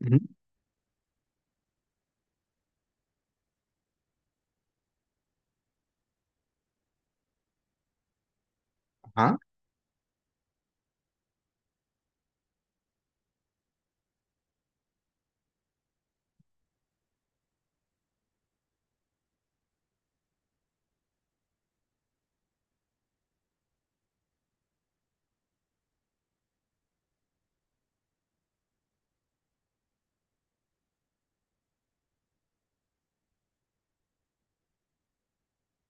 Ujú, ajá.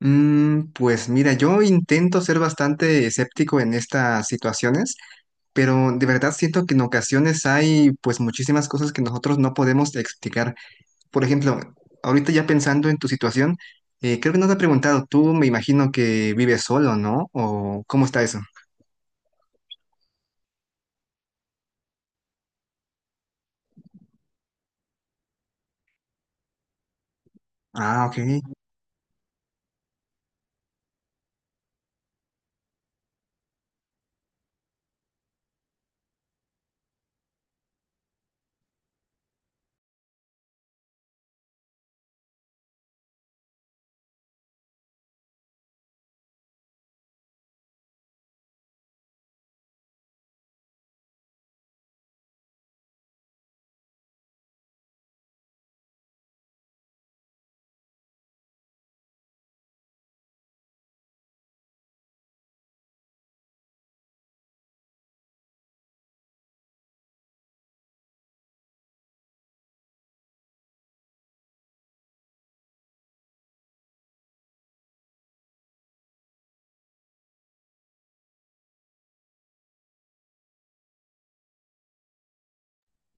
Pues mira, yo intento ser bastante escéptico en estas situaciones, pero de verdad siento que en ocasiones hay pues muchísimas cosas que nosotros no podemos explicar. Por ejemplo, ahorita ya pensando en tu situación, creo que no te he preguntado, tú me imagino que vives solo, ¿no? ¿O cómo está eso? Ah, ok.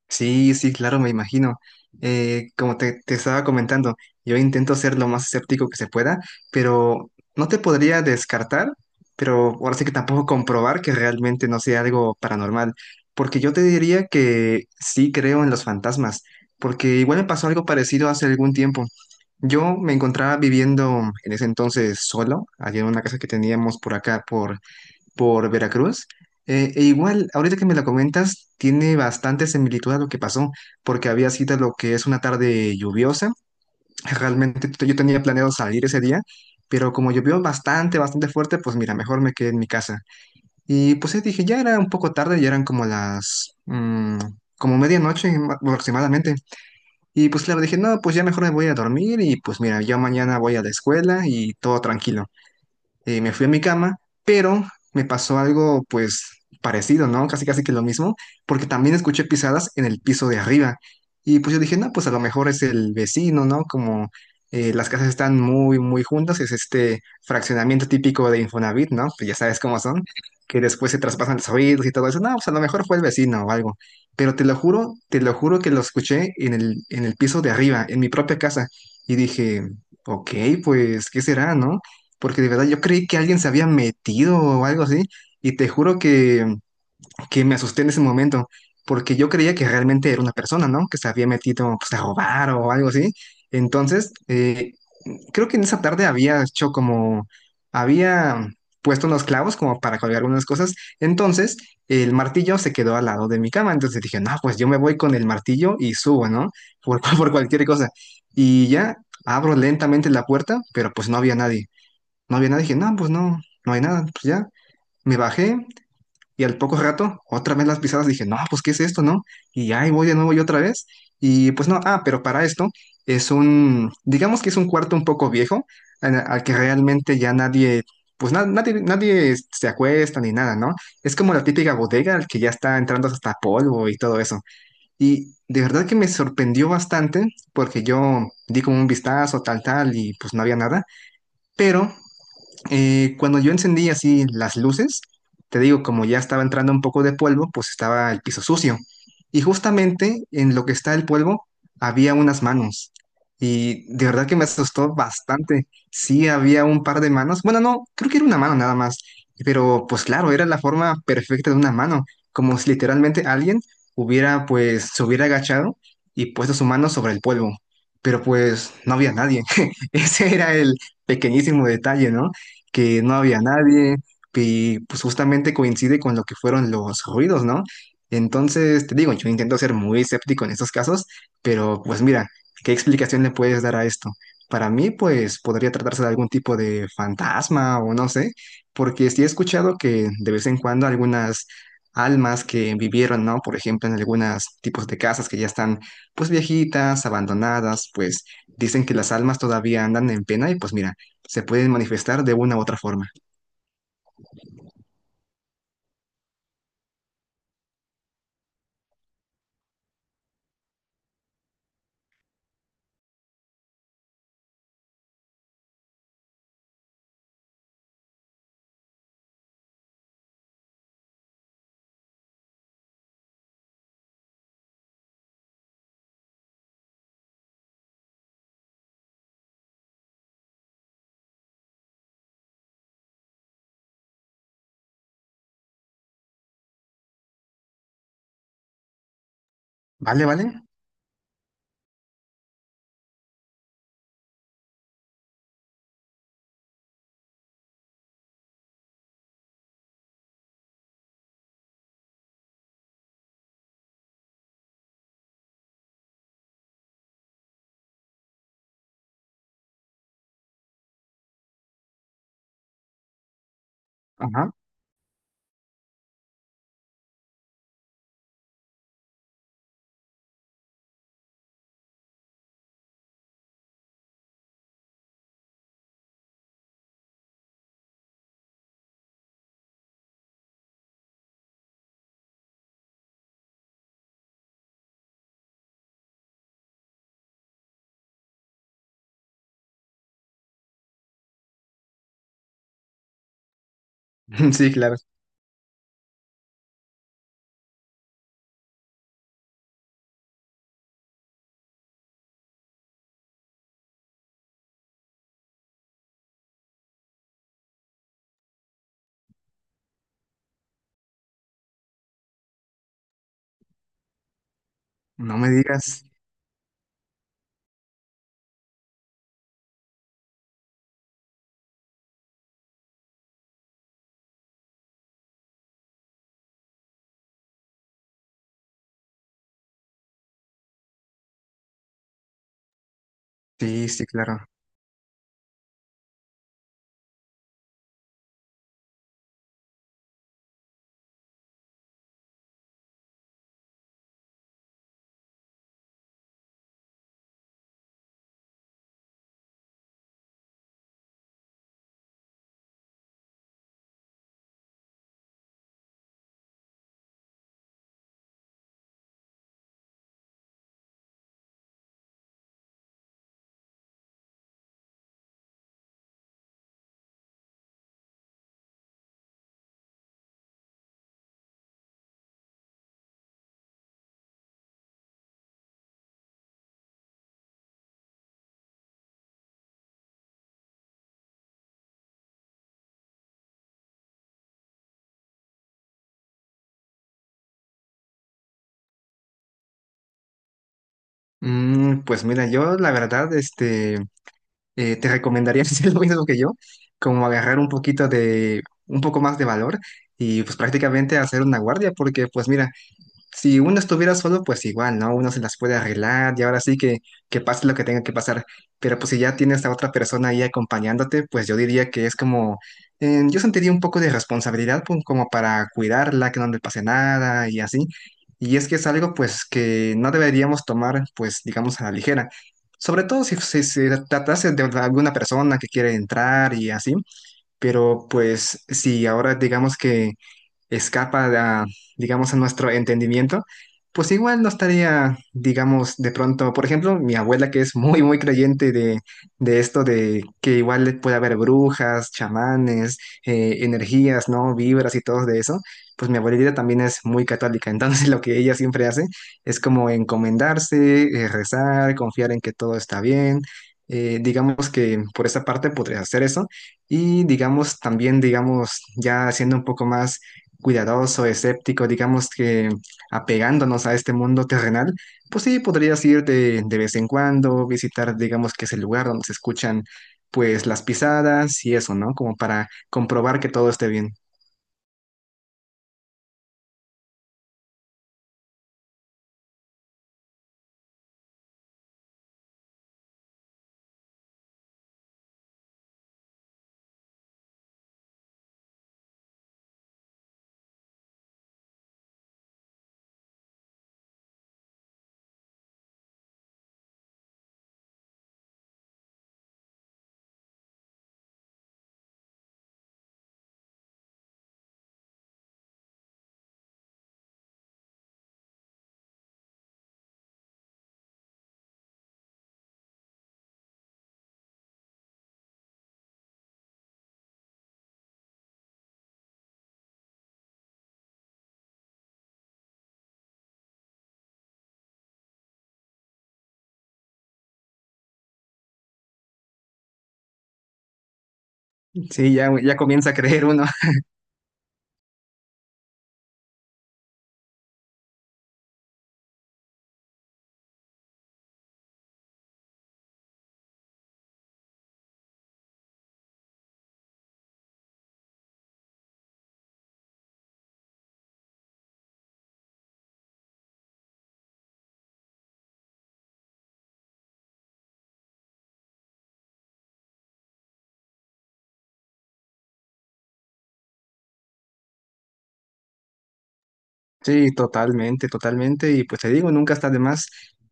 Sí, sí, claro, me imagino. Como te estaba comentando, yo intento ser lo más escéptico que se pueda, pero no te podría descartar, pero ahora sí que tampoco comprobar que realmente no sea algo paranormal, porque yo te diría que sí creo en los fantasmas, porque igual me pasó algo parecido hace algún tiempo. Yo me encontraba viviendo en ese entonces solo, allí en una casa que teníamos por acá, por Veracruz. E igual, ahorita que me lo comentas, tiene bastante similitud a lo que pasó, porque había sido lo que es una tarde lluviosa. Realmente yo tenía planeado salir ese día, pero como llovió bastante, bastante fuerte, pues mira, mejor me quedé en mi casa. Y pues sí, dije, ya era un poco tarde, ya eran como las como medianoche aproximadamente. Y pues claro, dije, no, pues ya mejor me voy a dormir y pues mira, yo mañana voy a la escuela y todo tranquilo me fui a mi cama, pero me pasó algo pues parecido, ¿no? Casi casi que lo mismo, porque también escuché pisadas en el piso de arriba. Y pues yo dije, no, pues a lo mejor es el vecino, ¿no? Como las casas están muy, muy juntas, es este fraccionamiento típico de Infonavit, ¿no? Pues ya sabes cómo son, que después se traspasan los oídos y todo eso. No, pues a lo mejor fue el vecino o algo. Pero te lo juro que lo escuché en el piso de arriba, en mi propia casa. Y dije, ok, pues, ¿qué será, no? porque de verdad yo creí que alguien se había metido o algo así, y te juro que me asusté en ese momento, porque yo creía que realmente era una persona, ¿no? Que se había metido pues, a robar o algo así. Entonces, creo que en esa tarde había hecho como, había puesto unos clavos como para colgar algunas cosas, entonces el martillo se quedó al lado de mi cama, entonces dije, no, pues yo me voy con el martillo y subo, ¿no? Por, por cualquier cosa. Y ya abro lentamente la puerta, pero pues no había nadie. No había nada, dije, no, pues no, no hay nada, pues ya. Me bajé y al poco rato, otra vez las pisadas, dije, no, pues ¿qué es esto, no? Y ahí voy de nuevo y otra vez. Y pues no, ah, pero para esto es un, digamos que es un cuarto un poco viejo, al que realmente ya nadie, pues nadie, nadie se acuesta ni nada, ¿no? Es como la típica bodega al que ya está entrando hasta polvo y todo eso. Y de verdad que me sorprendió bastante porque yo di como un vistazo, tal, tal, y pues no había nada. Pero cuando yo encendí así las luces, te digo, como ya estaba entrando un poco de polvo, pues estaba el piso sucio. Y justamente en lo que está el polvo había unas manos. Y de verdad que me asustó bastante. Sí, había un par de manos. Bueno, no, creo que era una mano nada más. Pero pues claro, era la forma perfecta de una mano. Como si literalmente alguien hubiera, pues, se hubiera agachado y puesto su mano sobre el polvo. Pero pues no había nadie. Ese era el pequeñísimo detalle, ¿no? que no había nadie, y pues justamente coincide con lo que fueron los ruidos, ¿no? Entonces, te digo, yo intento ser muy escéptico en estos casos, pero pues mira, ¿qué explicación le puedes dar a esto? Para mí, pues podría tratarse de algún tipo de fantasma o no sé, porque sí he escuchado que de vez en cuando algunas almas que vivieron, ¿no? Por ejemplo, en algunos tipos de casas que ya están pues viejitas, abandonadas, pues dicen que las almas todavía andan en pena y pues mira se pueden manifestar de una u otra forma. ¿Vale, vale? Ajá. Sí, claro. No me digas. Sí, sí, claro. Pues mira, yo la verdad, te recomendaría hacer lo mismo que yo, como agarrar un poquito de, un poco más de valor y pues prácticamente hacer una guardia, porque pues mira, si uno estuviera solo, pues igual, ¿no? Uno se las puede arreglar y ahora sí que pase lo que tenga que pasar. Pero pues si ya tienes a otra persona ahí acompañándote, pues yo diría que es como, yo sentiría un poco de responsabilidad pues, como para cuidarla, que no le pase nada y así. Y es que es algo pues que no deberíamos tomar pues digamos a la ligera. Sobre todo si, si se tratase de alguna persona que quiere entrar y así. Pero pues si ahora digamos que escapa a, digamos, a nuestro entendimiento, pues igual no estaría, digamos, de pronto, por ejemplo, mi abuela que es muy, muy creyente de esto de que igual puede haber brujas, chamanes, energías, ¿no? Vibras y todo de eso, pues mi abuelita también es muy católica, entonces lo que ella siempre hace es como encomendarse, rezar, confiar en que todo está bien. Digamos que por esa parte podrías hacer eso y digamos también digamos ya siendo un poco más cuidadoso, escéptico, digamos que apegándonos a este mundo terrenal, pues sí, podrías ir de vez en cuando, visitar, digamos que ese lugar donde se escuchan pues las pisadas y eso, ¿no? Como para comprobar que todo esté bien. Sí, ya, ya comienza a creer uno. Sí, totalmente, totalmente. Y pues te digo, nunca está de más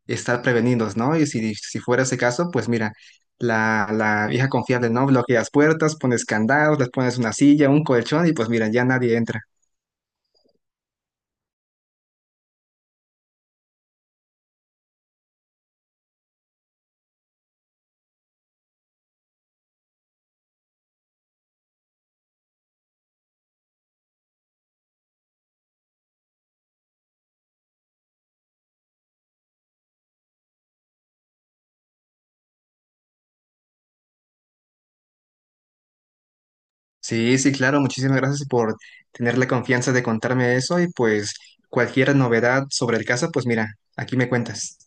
estar prevenidos, ¿no? Y si, si fuera ese caso, pues mira, la vieja confiable, ¿no? Bloqueas puertas, pones candados, les pones una silla, un colchón y pues mira, ya nadie entra. Sí, sí, claro, muchísimas gracias por tener la confianza de contarme eso y pues cualquier novedad sobre el caso, pues mira, aquí me cuentas.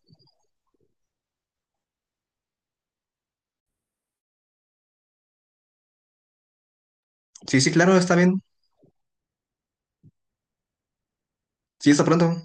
Sí, sí, claro, está bien. Sí, hasta pronto.